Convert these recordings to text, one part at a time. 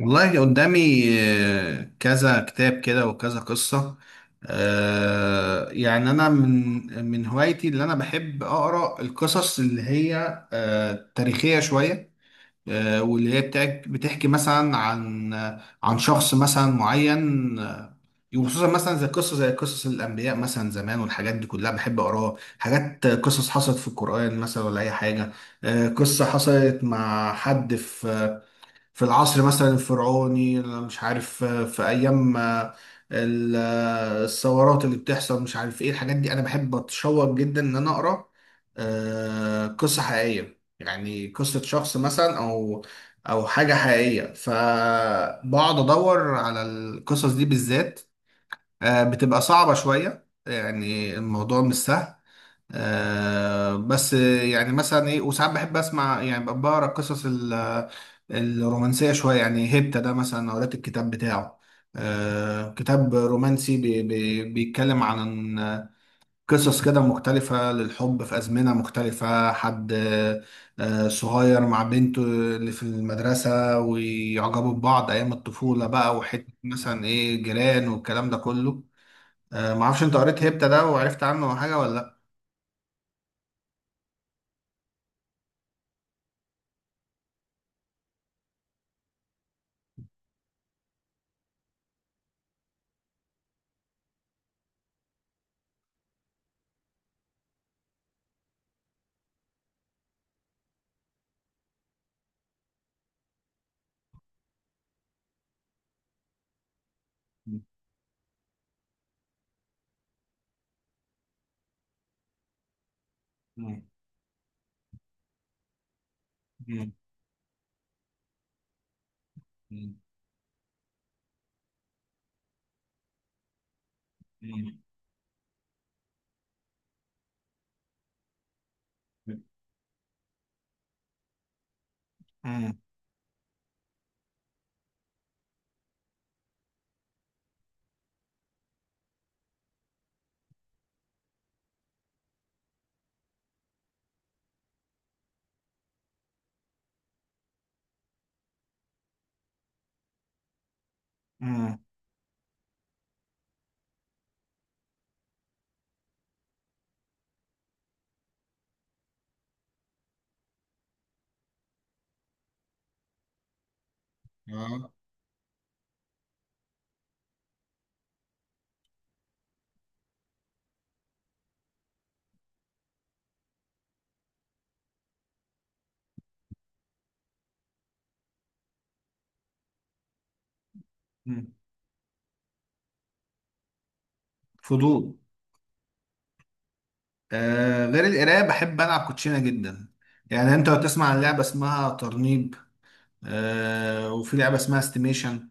والله قدامي كذا كتاب كده وكذا قصة. يعني أنا من هوايتي اللي أنا بحب أقرأ القصص اللي هي تاريخية شوية، واللي هي بتحكي مثلا عن شخص مثلا معين، وخصوصا مثلا زي قصص الأنبياء مثلا زمان والحاجات دي كلها بحب أقراها، حاجات قصص حصلت في القرآن مثلا ولا أي حاجة. قصة حصلت مع حد في العصر مثلا الفرعوني، مش عارف، في ايام الثورات اللي بتحصل، مش عارف ايه الحاجات دي. انا بحب اتشوق جدا ان انا اقرا قصة حقيقية، يعني قصة شخص مثلا او حاجة حقيقية، فبقعد ادور على القصص دي بالذات. بتبقى صعبة شوية، يعني الموضوع مش سهل. بس يعني مثلا ايه، وساعات بحب اسمع، يعني بقرا القصص الرومانسيه شويه، يعني هيبتا ده مثلا قريت الكتاب بتاعه. كتاب رومانسي بي بي بيتكلم عن قصص كده مختلفه للحب في ازمنه مختلفه، حد صغير مع بنته اللي في المدرسه ويعجبوا ببعض ايام الطفوله بقى، وحته مثلا ايه، جيران والكلام ده كله. معرفش انت قريت هيبتا ده وعرفت عنه حاجه ولا لا؟ مم. مم. مم. مم. مم. اه. مم. فضول. غير القراية بحب ألعب كوتشينة جدا، يعني أنت لو تسمع عن لعبة اسمها ترنيب، وفي لعبة اسمها استيميشن،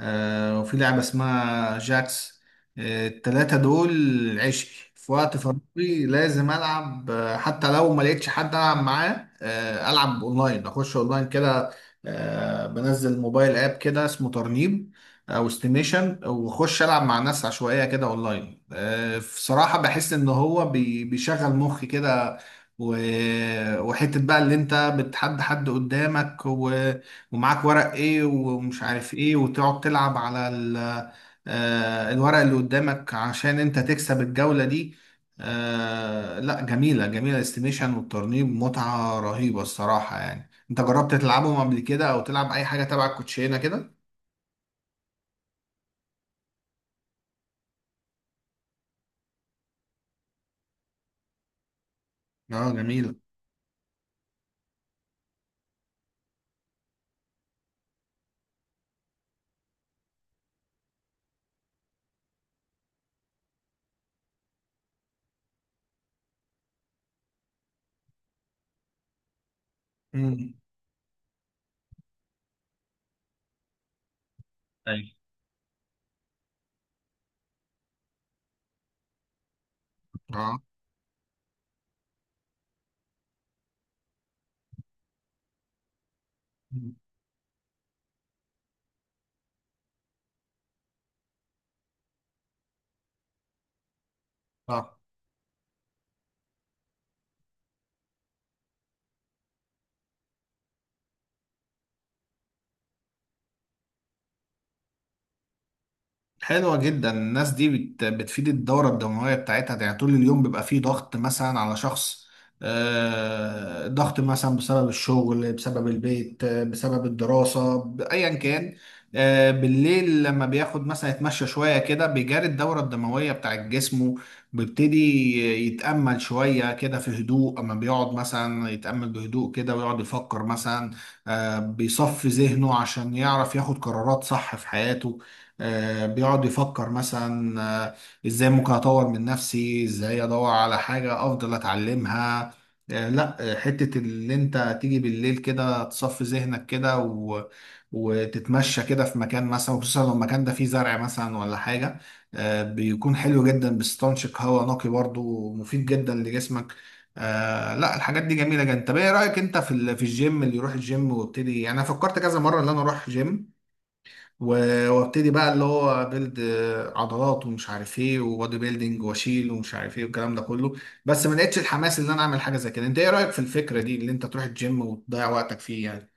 وفي لعبة اسمها جاكس. التلاتة دول عشقي، في وقت فراغي لازم ألعب، حتى لو ما لقيتش حد ألعب معاه، ألعب أونلاين، أخش أونلاين كده. بنزل موبايل آب كده اسمه ترنيب أو استيميشن، وأخش ألعب مع ناس عشوائية كده أونلاين. بصراحة بحس إن هو بيشغل مخي كده، وحتة بقى اللي انت بتحدى حد قدامك ومعاك ورق ايه ومش عارف ايه، وتقعد تلعب على الورق اللي قدامك عشان انت تكسب الجولة دي. لا جميلة جميلة، الاستيميشن والترنيب متعة رهيبة الصراحة. يعني انت جربت تلعبهم قبل كده او تلعب اي حاجة تبع الكوتشينة كده؟ اه، جميلة. امم. أيوة. اه. حلوة جدا الناس دي، بتفيد الدورة الدموية بتاعتها، يعني طول اليوم بيبقى فيه ضغط مثلا على شخص، ضغط مثلا بسبب الشغل، بسبب البيت، بسبب الدراسة، أيا كان. بالليل لما بياخد مثلا يتمشى شوية كده بيجاري الدورة الدموية بتاعت جسمه، بيبتدي يتأمل شوية كده في هدوء. أما بيقعد مثلا يتأمل بهدوء كده ويقعد يفكر مثلا، بيصفي ذهنه عشان يعرف ياخد قرارات صح في حياته. بيقعد يفكر مثلا، آه، ازاي ممكن اطور من نفسي، ازاي ادور على حاجة افضل اتعلمها. لا، حتة اللي انت تيجي بالليل كده تصفي ذهنك كده و... وتتمشى كده في مكان مثلا، خصوصا لو المكان ده فيه زرع مثلا ولا حاجة، بيكون حلو جدا، بيستنشق هواء نقي برضو ومفيد جدا لجسمك. لا، الحاجات دي جميله جدا. طب ايه رايك انت في في الجيم؟ اللي يروح الجيم وابتدي، يعني انا فكرت كذا مره ان انا اروح جيم، وابتدي بقى اللي هو بيلد عضلات ومش عارف ايه، وبودي بيلدينج، واشيل ومش عارف ايه والكلام ده كله. بس ما لقيتش الحماس ان انا اعمل حاجه زي كده. انت ايه رايك في الفكره دي، اللي انت تروح الجيم وتضيع وقتك فيه يعني؟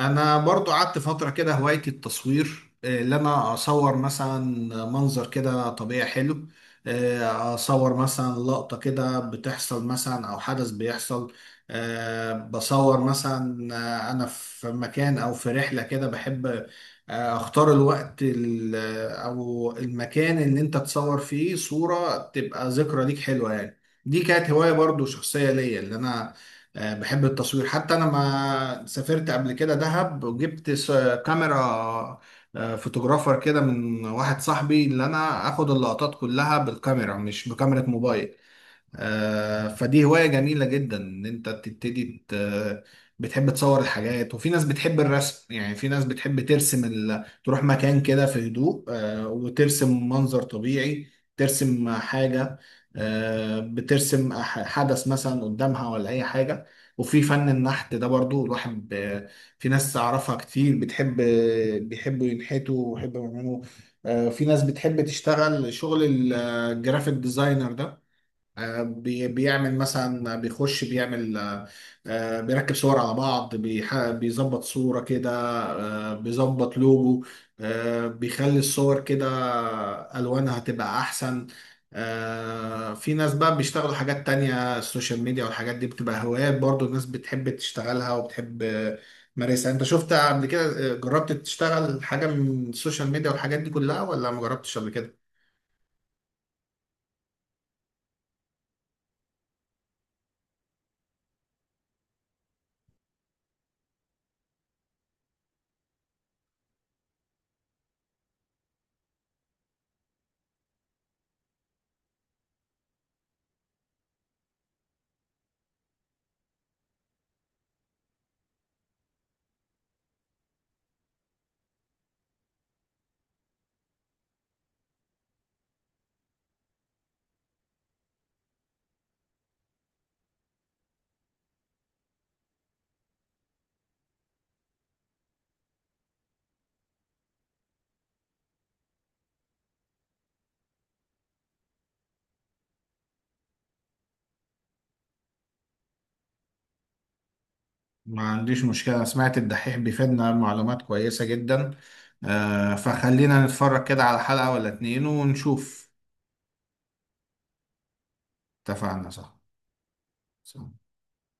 انا برضو قعدت فترة كده هوايتي التصوير، اللي انا اصور مثلا منظر كده طبيعي حلو، اصور مثلا لقطة كده بتحصل مثلا او حدث بيحصل، بصور مثلا، انا في مكان او في رحلة كده بحب اختار الوقت او المكان اللي انت تصور فيه صورة تبقى ذكرى ليك حلوة يعني. دي كانت هواية برضو شخصية ليا، اللي انا بحب التصوير. حتى انا ما سافرت قبل كده دهب وجبت كاميرا، فوتوغرافر كده من واحد صاحبي، اللي انا اخد اللقطات كلها بالكاميرا مش بكاميرا موبايل. فدي هواية جميلة جدا، ان انت تبتدي بتحب تصور الحاجات. وفي ناس بتحب الرسم، يعني في ناس بتحب ترسم تروح مكان كده في هدوء، وترسم منظر طبيعي، ترسم حاجة، بترسم حدث مثلا قدامها ولا اي حاجة. وفي فن النحت ده برضو الواحد في ناس اعرفها كتير بتحب، بيحبوا ينحتوا ويحبوا يعملوا. في ناس بتحب تشتغل شغل الجرافيك ديزاينر ده، بيعمل مثلا، بيخش بيعمل، بيركب صور على بعض، بيظبط صورة كده، بيظبط لوجو، بيخلي الصور كده ألوانها تبقى أحسن. في ناس بقى بيشتغلوا حاجات تانية، السوشيال ميديا والحاجات دي بتبقى هوايات برضو، الناس بتحب تشتغلها وبتحب تمارسها. انت شفت قبل كده جربت تشتغل حاجة من السوشيال ميديا والحاجات دي كلها ولا ما جربتش قبل كده؟ ما عنديش مشكلة. أنا سمعت الدحيح بيفيدنا معلومات كويسة جدا، فخلينا نتفرج كده على حلقة ولا اتنين ونشوف. اتفقنا، صح. صح.